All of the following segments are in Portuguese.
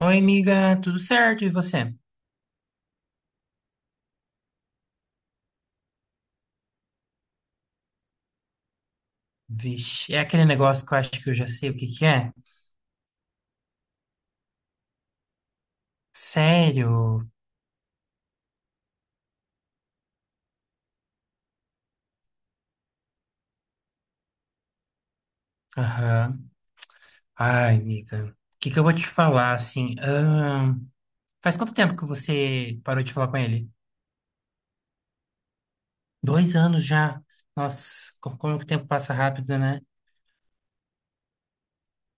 Oi, amiga, tudo certo? E você? Vixe, é aquele negócio que eu acho que eu já sei o que que é? Sério? Aham. Ai, amiga, o que que eu vou te falar, assim? Faz quanto tempo que você parou de falar com ele? Dois anos já. Nossa, como que o tempo passa rápido, né?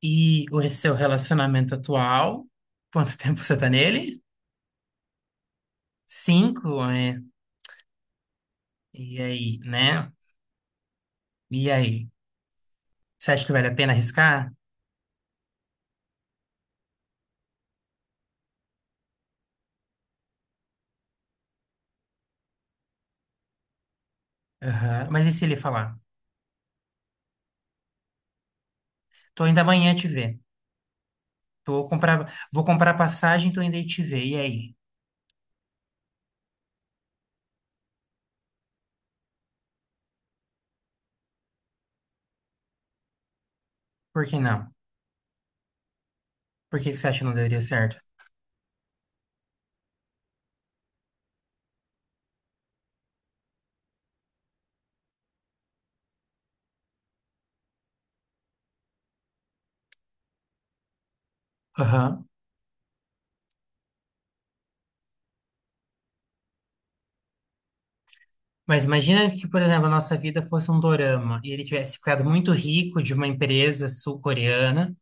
E o seu relacionamento atual? Quanto tempo você tá nele? Cinco, é. E aí, né? E aí? Você acha que vale a pena arriscar? Aham. Mas e se ele falar? Tô indo amanhã te ver. Vou comprar passagem, tô indo aí te ver. E aí? Por que não? Por que que você acha que não daria certo? Aham. Mas imagina que, por exemplo, a nossa vida fosse um dorama e ele tivesse ficado muito rico de uma empresa sul-coreana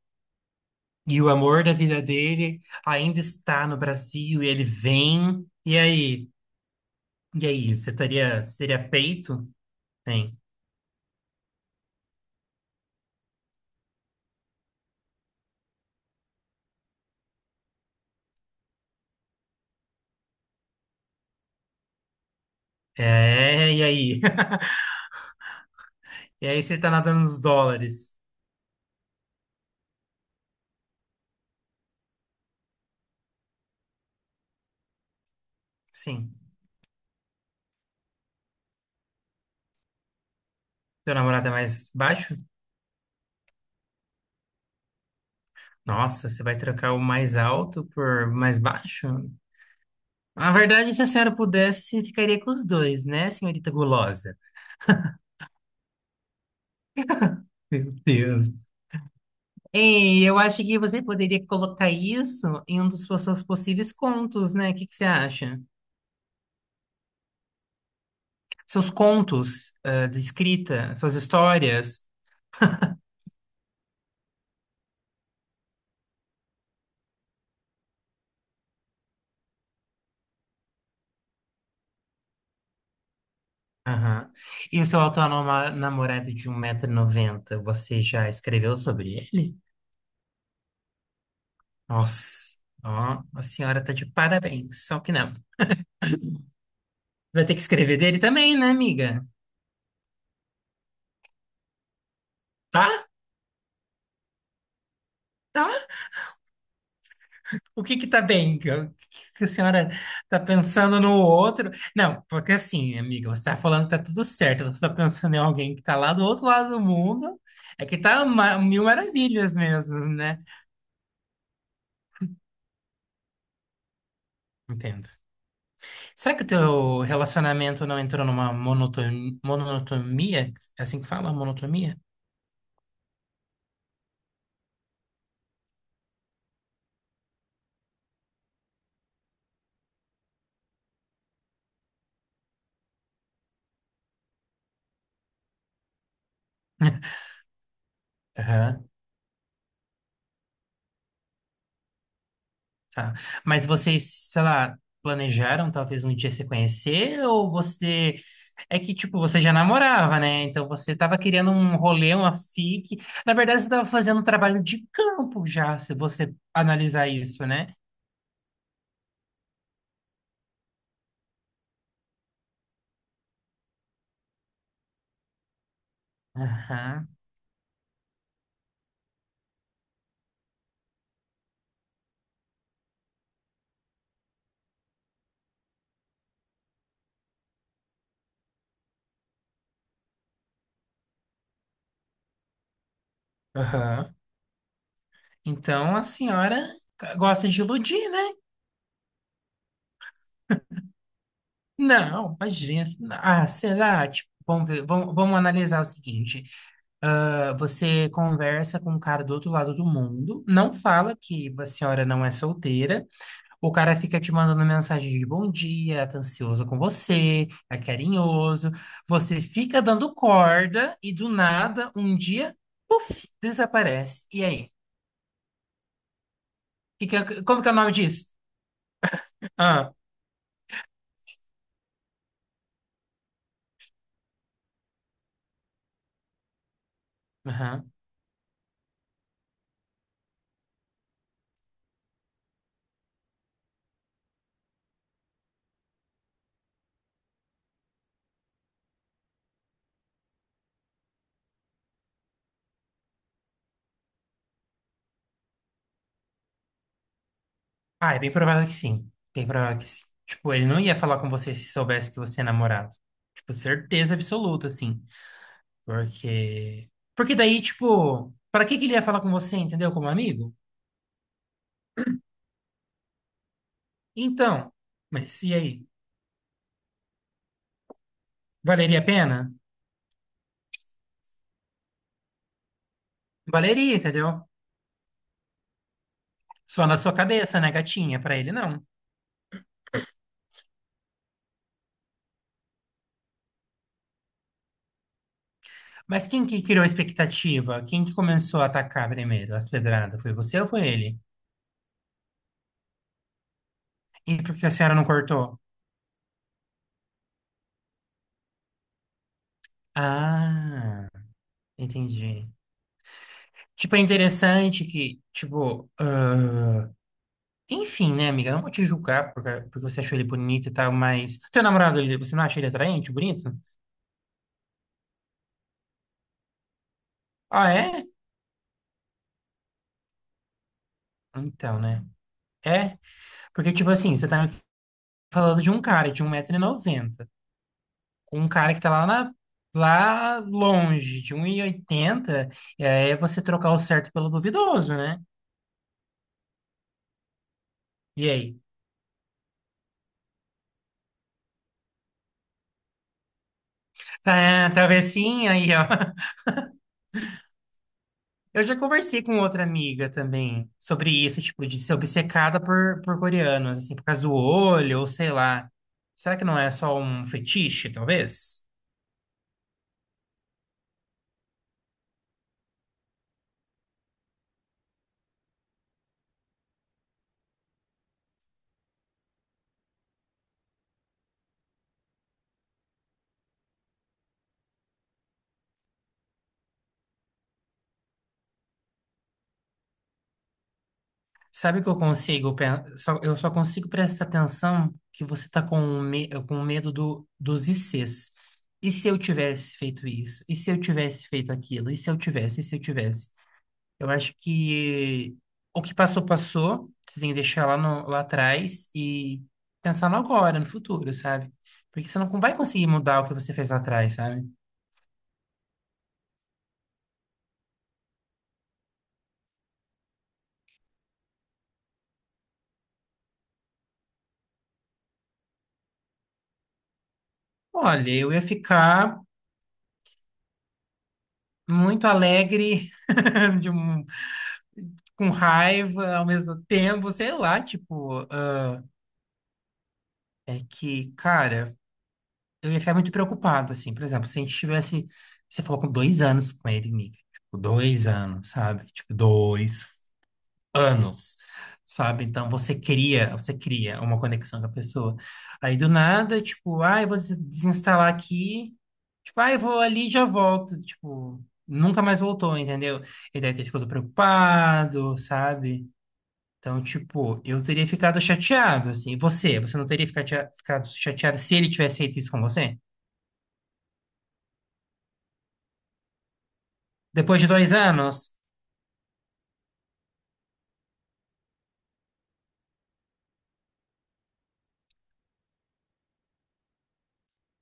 e o amor da vida dele ainda está no Brasil e ele vem. E aí? E aí? Você teria peito? Tem. É, e aí? E aí você tá nadando nos dólares? Sim. Teu namorado é mais baixo? Nossa, você vai trocar o mais alto por mais baixo? Na verdade, se a senhora pudesse, ficaria com os dois, né, senhorita gulosa? Meu Deus. Ei, eu acho que você poderia colocar isso em um dos seus possíveis contos, né? O que que você acha? Seus contos, ah, de escrita, suas histórias. Aham. E o seu atual namorado de um 190 noventa, você já escreveu sobre ele? Nossa, ó, a senhora tá de parabéns, só que não. Vai ter que escrever dele também, né, amiga? Tá? Tá? O que que tá bem? O que que a senhora tá pensando no outro? Não, porque assim, amiga, você tá falando que tá tudo certo, você tá pensando em alguém que tá lá do outro lado do mundo, é que tá mil maravilhas mesmo, né? Entendo. Será que o teu relacionamento não entrou numa monotonia? É assim que fala? Monotonia? Aham. Tá. Mas vocês, sei lá, planejaram talvez um dia se conhecer ou você é que tipo, você já namorava, né? Então você tava querendo um rolê, uma fique. Na verdade, você tava fazendo um trabalho de campo já, se você analisar isso, né? Aham. Aham. Então a senhora gosta de iludir, né? Não, imagina. Ah, será? Tipo, vamos ver, vamos analisar o seguinte. Ah, você conversa com um cara do outro lado do mundo, não fala que a senhora não é solteira, o cara fica te mandando mensagem de bom dia, tá ansioso com você, é carinhoso, você fica dando corda e do nada, um dia, puf, desaparece. E aí? Que como que é o nome disso? Ah, aham. Ah, é bem provável que sim. Bem provável que sim. Tipo, ele não ia falar com você se soubesse que você é namorado. Tipo, certeza absoluta, assim. Porque. Porque daí, tipo, pra que que ele ia falar com você, entendeu? Como amigo? Então, mas e aí? Valeria a pena? Valeria, entendeu? Só na sua cabeça, né, gatinha? Pra ele, não. Mas quem que criou a expectativa? Quem que começou a atacar primeiro as pedradas? Foi você ou foi ele? E por que a senhora não cortou? Ah, entendi. Tipo, é interessante que, tipo, ah, enfim, né, amiga? Eu não vou te julgar porque, você achou ele bonito e tal, mas. Teu namorado, você não acha ele atraente, bonito? Ah, é? Então, né? É? Porque, tipo assim, você tá me falando de um cara de um metro e noventa com um cara que tá lá, lá longe, de 1,80 m, e oitenta, e aí é você trocar o certo pelo duvidoso, né? E aí? Tá, talvez sim, aí, ó. Eu já conversei com outra amiga também sobre isso, tipo, de ser obcecada por coreanos, assim, por causa do olho, ou sei lá. Será que não é só um fetiche, talvez? Sabe o que eu consigo, só, eu só consigo prestar atenção que você tá com medo dos ICs. E se eu tivesse feito isso? E se eu tivesse feito aquilo? E se eu tivesse? E se eu tivesse? Eu acho que o que passou, passou. Você tem que deixar lá, lá atrás e pensar no agora, no futuro, sabe? Porque você não vai conseguir mudar o que você fez lá atrás, sabe? Olha, eu ia ficar muito alegre, de um- com raiva ao mesmo tempo, sei lá, tipo. Ah, é que, cara, eu ia ficar muito preocupado, assim. Por exemplo, se a gente tivesse. Você falou com dois anos com ele, amiga. Tipo, dois anos, sabe? Tipo, dois anos, sabe? Então você cria, uma conexão com a pessoa. Aí do nada, tipo, ah, eu vou desinstalar aqui, tipo, ah, eu vou ali e já volto, tipo, nunca mais voltou, entendeu? Ele deve ter ficado preocupado, sabe? Então, tipo, eu teria ficado chateado, assim. Você não teria ficado ficado chateado se ele tivesse feito isso com você? Depois de dois anos?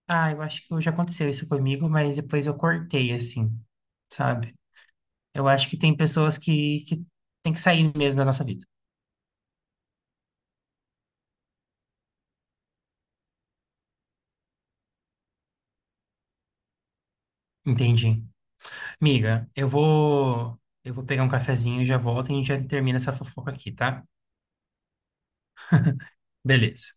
Ah, eu acho que já aconteceu isso comigo, mas depois eu cortei, assim, sabe? Eu acho que tem pessoas que tem que sair mesmo da nossa vida. Entendi. Miga, eu vou pegar um cafezinho e já volto e a gente já termina essa fofoca aqui, tá? Beleza.